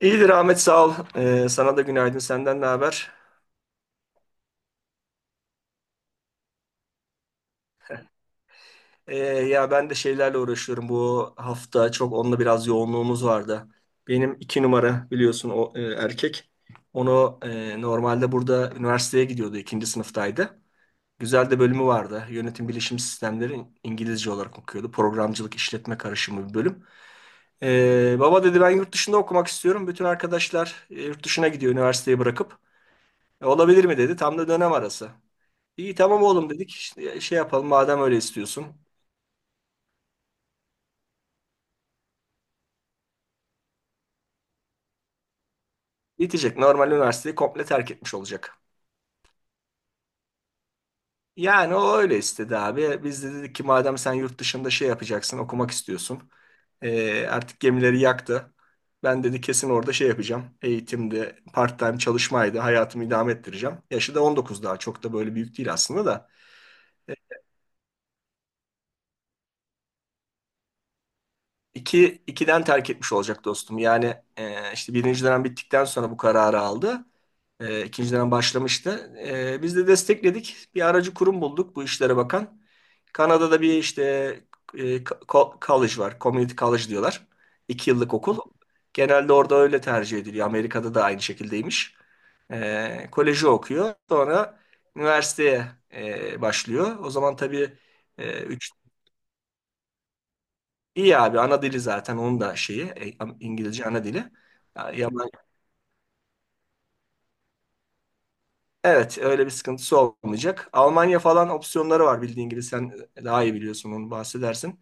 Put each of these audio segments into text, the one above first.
İyidir Ahmet sağ ol. Sana da günaydın. Senden ne haber? Ya ben de şeylerle uğraşıyorum. Bu hafta çok onunla biraz yoğunluğumuz vardı. Benim iki numara biliyorsun o erkek. Onu normalde burada üniversiteye gidiyordu. İkinci sınıftaydı. Güzel de bölümü vardı. Yönetim bilişim sistemleri İngilizce olarak okuyordu. Programcılık işletme karışımı bir bölüm. Baba dedi ben yurt dışında okumak istiyorum. Bütün arkadaşlar yurt dışına gidiyor üniversiteyi bırakıp. Olabilir mi dedi. Tam da dönem arası. İyi tamam oğlum dedik. İşte şey yapalım madem öyle istiyorsun. Bitecek. Normal üniversiteyi komple terk etmiş olacak. Yani o öyle istedi abi. Biz de dedik ki madem sen yurt dışında şey yapacaksın, okumak istiyorsun. Artık gemileri yaktı. Ben dedi kesin orada şey yapacağım. Eğitimde part-time çalışmaydı. Hayatımı idame ettireceğim. Yaşı da 19 daha. Çok da böyle büyük değil aslında da. İki, ikiden terk etmiş olacak dostum. Yani işte birinci dönem bittikten sonra bu kararı aldı. İkinci dönem başlamıştı. Biz de destekledik. Bir aracı kurum bulduk bu işlere bakan. Kanada'da bir işte college var. Community college diyorlar. İki yıllık okul. Genelde orada öyle tercih ediliyor. Amerika'da da aynı şekildeymiş. Koleji okuyor. Sonra üniversiteye başlıyor. O zaman tabii 3. İyi abi ana dili zaten onun da şeyi İngilizce ana dili. Yaman, evet öyle bir sıkıntısı olmayacak. Almanya falan opsiyonları var bildiğin gibi sen daha iyi biliyorsun onu bahsedersin.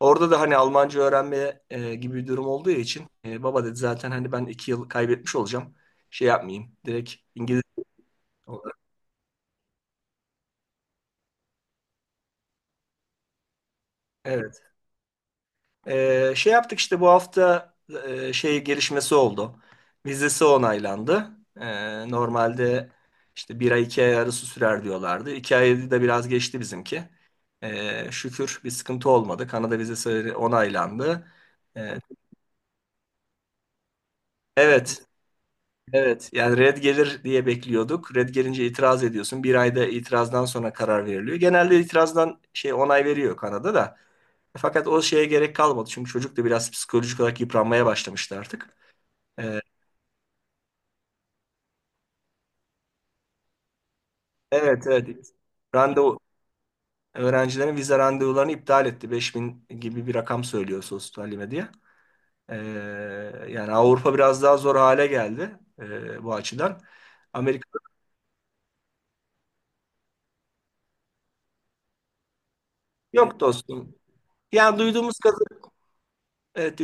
Orada da hani Almanca öğrenme gibi bir durum olduğu için baba dedi zaten hani ben 2 yıl kaybetmiş olacağım. Şey yapmayayım direkt İngilizce olarak. Evet. Şey yaptık işte bu hafta şey gelişmesi oldu. Vizesi onaylandı. Normalde işte bir ay iki ay arası sürer diyorlardı. İki ayı da biraz geçti bizimki. Şükür bir sıkıntı olmadı. Kanada vizesi onaylandı. Ee, evet, evet. Yani red gelir diye bekliyorduk. Red gelince itiraz ediyorsun. Bir ayda itirazdan sonra karar veriliyor. Genelde itirazdan şey onay veriyor Kanada da. Fakat o şeye gerek kalmadı. Çünkü çocuk da biraz psikolojik olarak yıpranmaya başlamıştı artık. Ee, Evet evet. Randevu öğrencilerin vize randevularını iptal etti. 5 bin gibi bir rakam söylüyor sosyal medya. Ee, Yani Avrupa biraz daha zor hale geldi, bu açıdan. Amerika yok dostum. Yani duyduğumuz kadar, evet.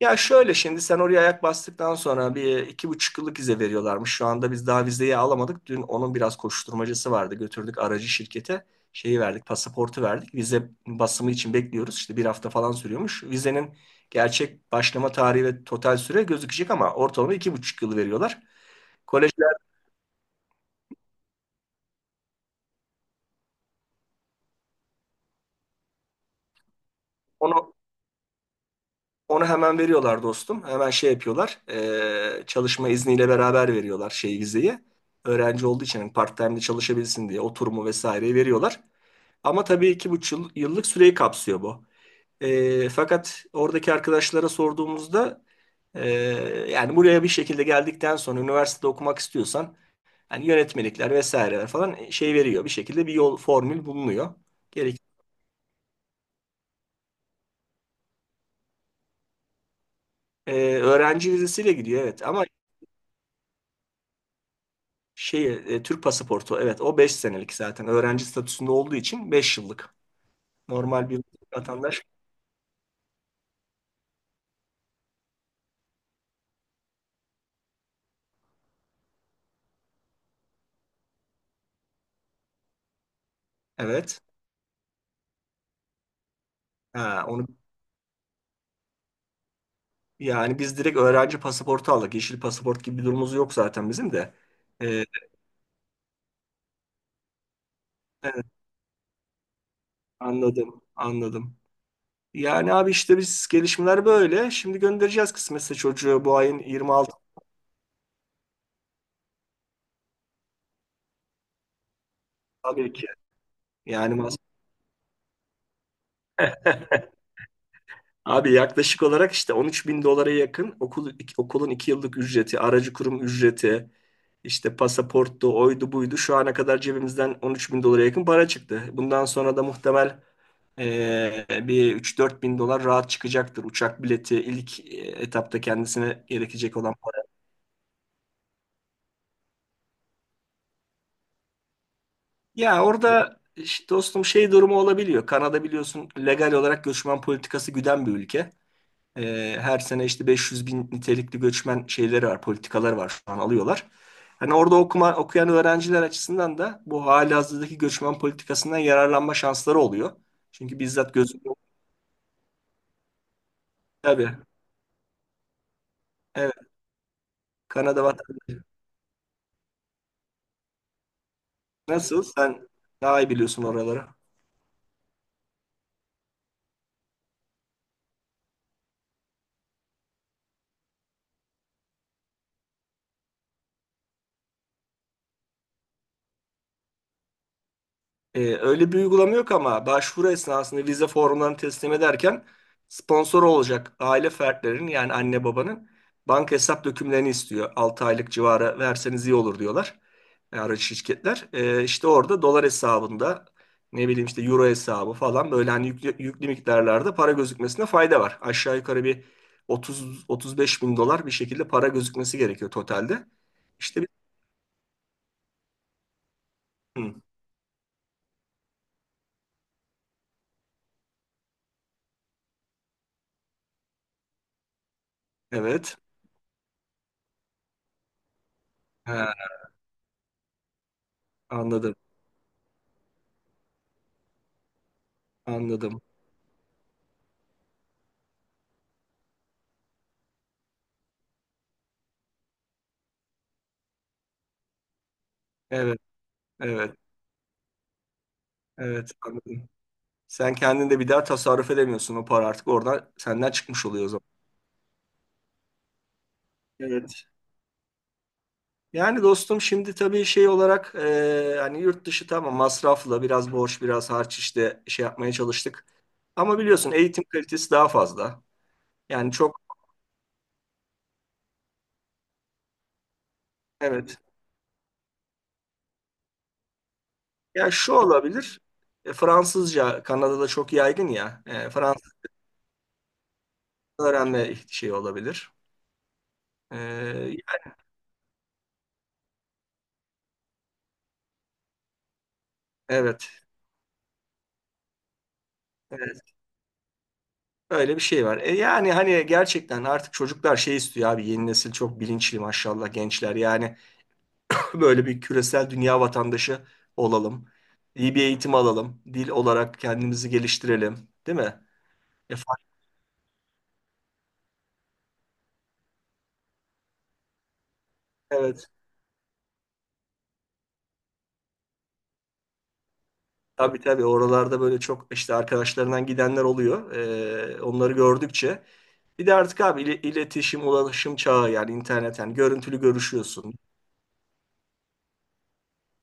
Ya şöyle şimdi sen oraya ayak bastıktan sonra bir iki buçuk yıllık vize veriyorlarmış. Şu anda biz daha vizeyi alamadık. Dün onun biraz koşturmacası vardı. Götürdük aracı şirkete. Şeyi verdik, pasaportu verdik. Vize basımı için bekliyoruz. İşte bir hafta falan sürüyormuş. Vizenin gerçek başlama tarihi ve total süre gözükecek ama ortalama 2,5 yıl veriyorlar. Kolejler onu onu hemen veriyorlar dostum. Hemen şey yapıyorlar. Çalışma izniyle beraber veriyorlar şey vizeyi. Öğrenci olduğu için hani part-time'de çalışabilsin diye oturumu vesaireyi veriyorlar. Ama tabii iki buçuk yıllık süreyi kapsıyor bu. Fakat oradaki arkadaşlara sorduğumuzda, ee, yani buraya bir şekilde geldikten sonra üniversitede okumak istiyorsan hani yönetmelikler vesaireler falan şey veriyor. Bir şekilde bir yol formül bulunuyor. Gerek. Öğrenci vizesiyle gidiyor evet ama şey Türk pasaportu evet o 5 senelik zaten öğrenci statüsünde olduğu için 5 yıllık. Normal bir vatandaş evet. Ha, onu. Yani biz direkt öğrenci pasaportu aldık. Yeşil pasaport gibi bir durumumuz yok zaten bizim de. Ee, evet, anladım, anladım. Yani abi işte biz gelişmeler böyle. Şimdi göndereceğiz kısmetse çocuğu bu ayın 26. Tabii ki. Yani abi yaklaşık olarak işte 13 bin dolara yakın okul, okulun 2 yıllık ücreti, aracı kurum ücreti, İşte pasaporttu, oydu, buydu. Şu ana kadar cebimizden 13 bin dolara yakın para çıktı. Bundan sonra da muhtemel bir 3-4 bin dolar rahat çıkacaktır. Uçak bileti ilk etapta kendisine gerekecek olan para. Ya orada işte dostum şey durumu olabiliyor. Kanada biliyorsun legal olarak göçmen politikası güden bir ülke. Her sene işte 500 bin nitelikli göçmen şeyleri var, politikaları var şu an alıyorlar. Hani orada okuyan öğrenciler açısından da bu halihazırdaki göçmen politikasından yararlanma şansları oluyor. Çünkü bizzat gözüküyor. Tabii. Evet. Kanada vatandaşı. Nasıl? Sen daha iyi biliyorsun oraları. Öyle bir uygulama yok ama başvuru esnasında vize formlarını teslim ederken sponsor olacak aile fertlerinin yani anne babanın banka hesap dökümlerini istiyor. 6 aylık civarı verseniz iyi olur diyorlar aracı şirketler. İşte orada dolar hesabında ne bileyim işte euro hesabı falan böyle hani yüklü, yüklü miktarlarda para gözükmesine fayda var. Aşağı yukarı bir 30-35 bin dolar bir şekilde para gözükmesi gerekiyor totalde. İşte bir... Hı, evet. Ha, anladım anladım. Evet. Evet, evet anladım. Sen kendin de bir daha tasarruf edemiyorsun. O para artık oradan senden çıkmış oluyor o zaman. Evet. Yani dostum şimdi tabii şey olarak hani yurt dışı tamam masraflı biraz borç biraz harç işte şey yapmaya çalıştık. Ama biliyorsun eğitim kalitesi daha fazla. Yani çok evet. Ya şu olabilir. Fransızca Kanada'da çok yaygın ya. Fransızca öğrenme şey olabilir. E, evet. Evet. Öyle bir şey var. Yani hani gerçekten artık çocuklar şey istiyor abi yeni nesil çok bilinçli maşallah gençler. Yani böyle bir küresel dünya vatandaşı olalım. İyi bir eğitim alalım. Dil olarak kendimizi geliştirelim. Değil mi? E, fark- evet. Tabii tabii oralarda böyle çok işte arkadaşlarından gidenler oluyor. Onları gördükçe. Bir de artık abi iletişim, ulaşım çağı yani internetten görüntülü görüşüyorsun.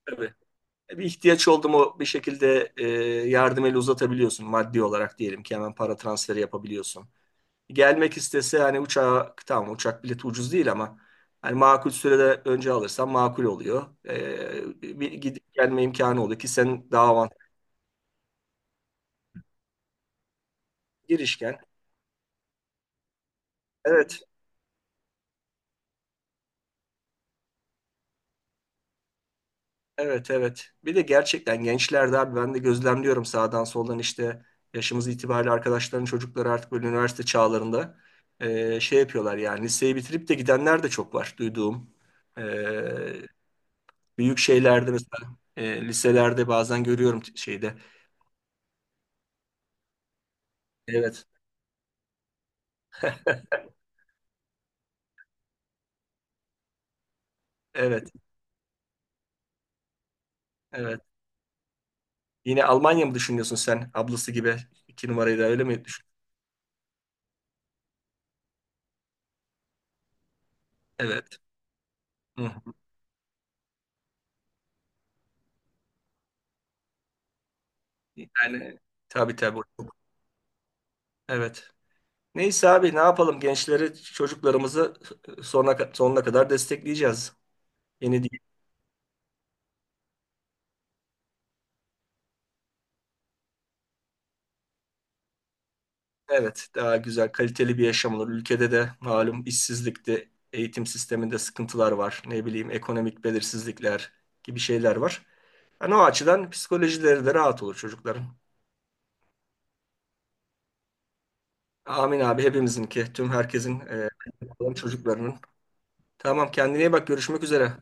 Tabii. Bir ihtiyaç oldu mu bir şekilde, yardım eli uzatabiliyorsun maddi olarak diyelim ki hemen para transferi yapabiliyorsun. Gelmek istese hani uçağa tamam uçak bileti ucuz değil ama hani makul sürede önce alırsan makul oluyor. Bir gidip gelme imkanı oluyor ki sen daha avantajlı girişken. Evet. Evet evet. Bir de gerçekten gençlerde abi ben de gözlemliyorum sağdan soldan işte yaşımız itibariyle arkadaşların çocukları artık böyle üniversite çağlarında şey yapıyorlar yani liseyi bitirip de gidenler de çok var duyduğum. E, Büyük şeylerde mesela liselerde bazen görüyorum şeyde. Evet evet evet. Yine Almanya mı düşünüyorsun sen ablası gibi iki numarayı da öyle mi düşünüyorsun? Evet. Hı. Yani tabii tabii. Evet. Neyse abi ne yapalım gençleri, çocuklarımızı sonuna, sonuna kadar destekleyeceğiz. Yeni değil. Evet, daha güzel, kaliteli bir yaşam olur. Ülkede de malum işsizlikte, eğitim sisteminde sıkıntılar var. Ne bileyim ekonomik belirsizlikler gibi şeyler var. Yani o açıdan psikolojileri de rahat olur çocukların. Amin abi hepimizinki, tüm herkesin, çocuklarının. Tamam, kendine iyi bak. Görüşmek üzere.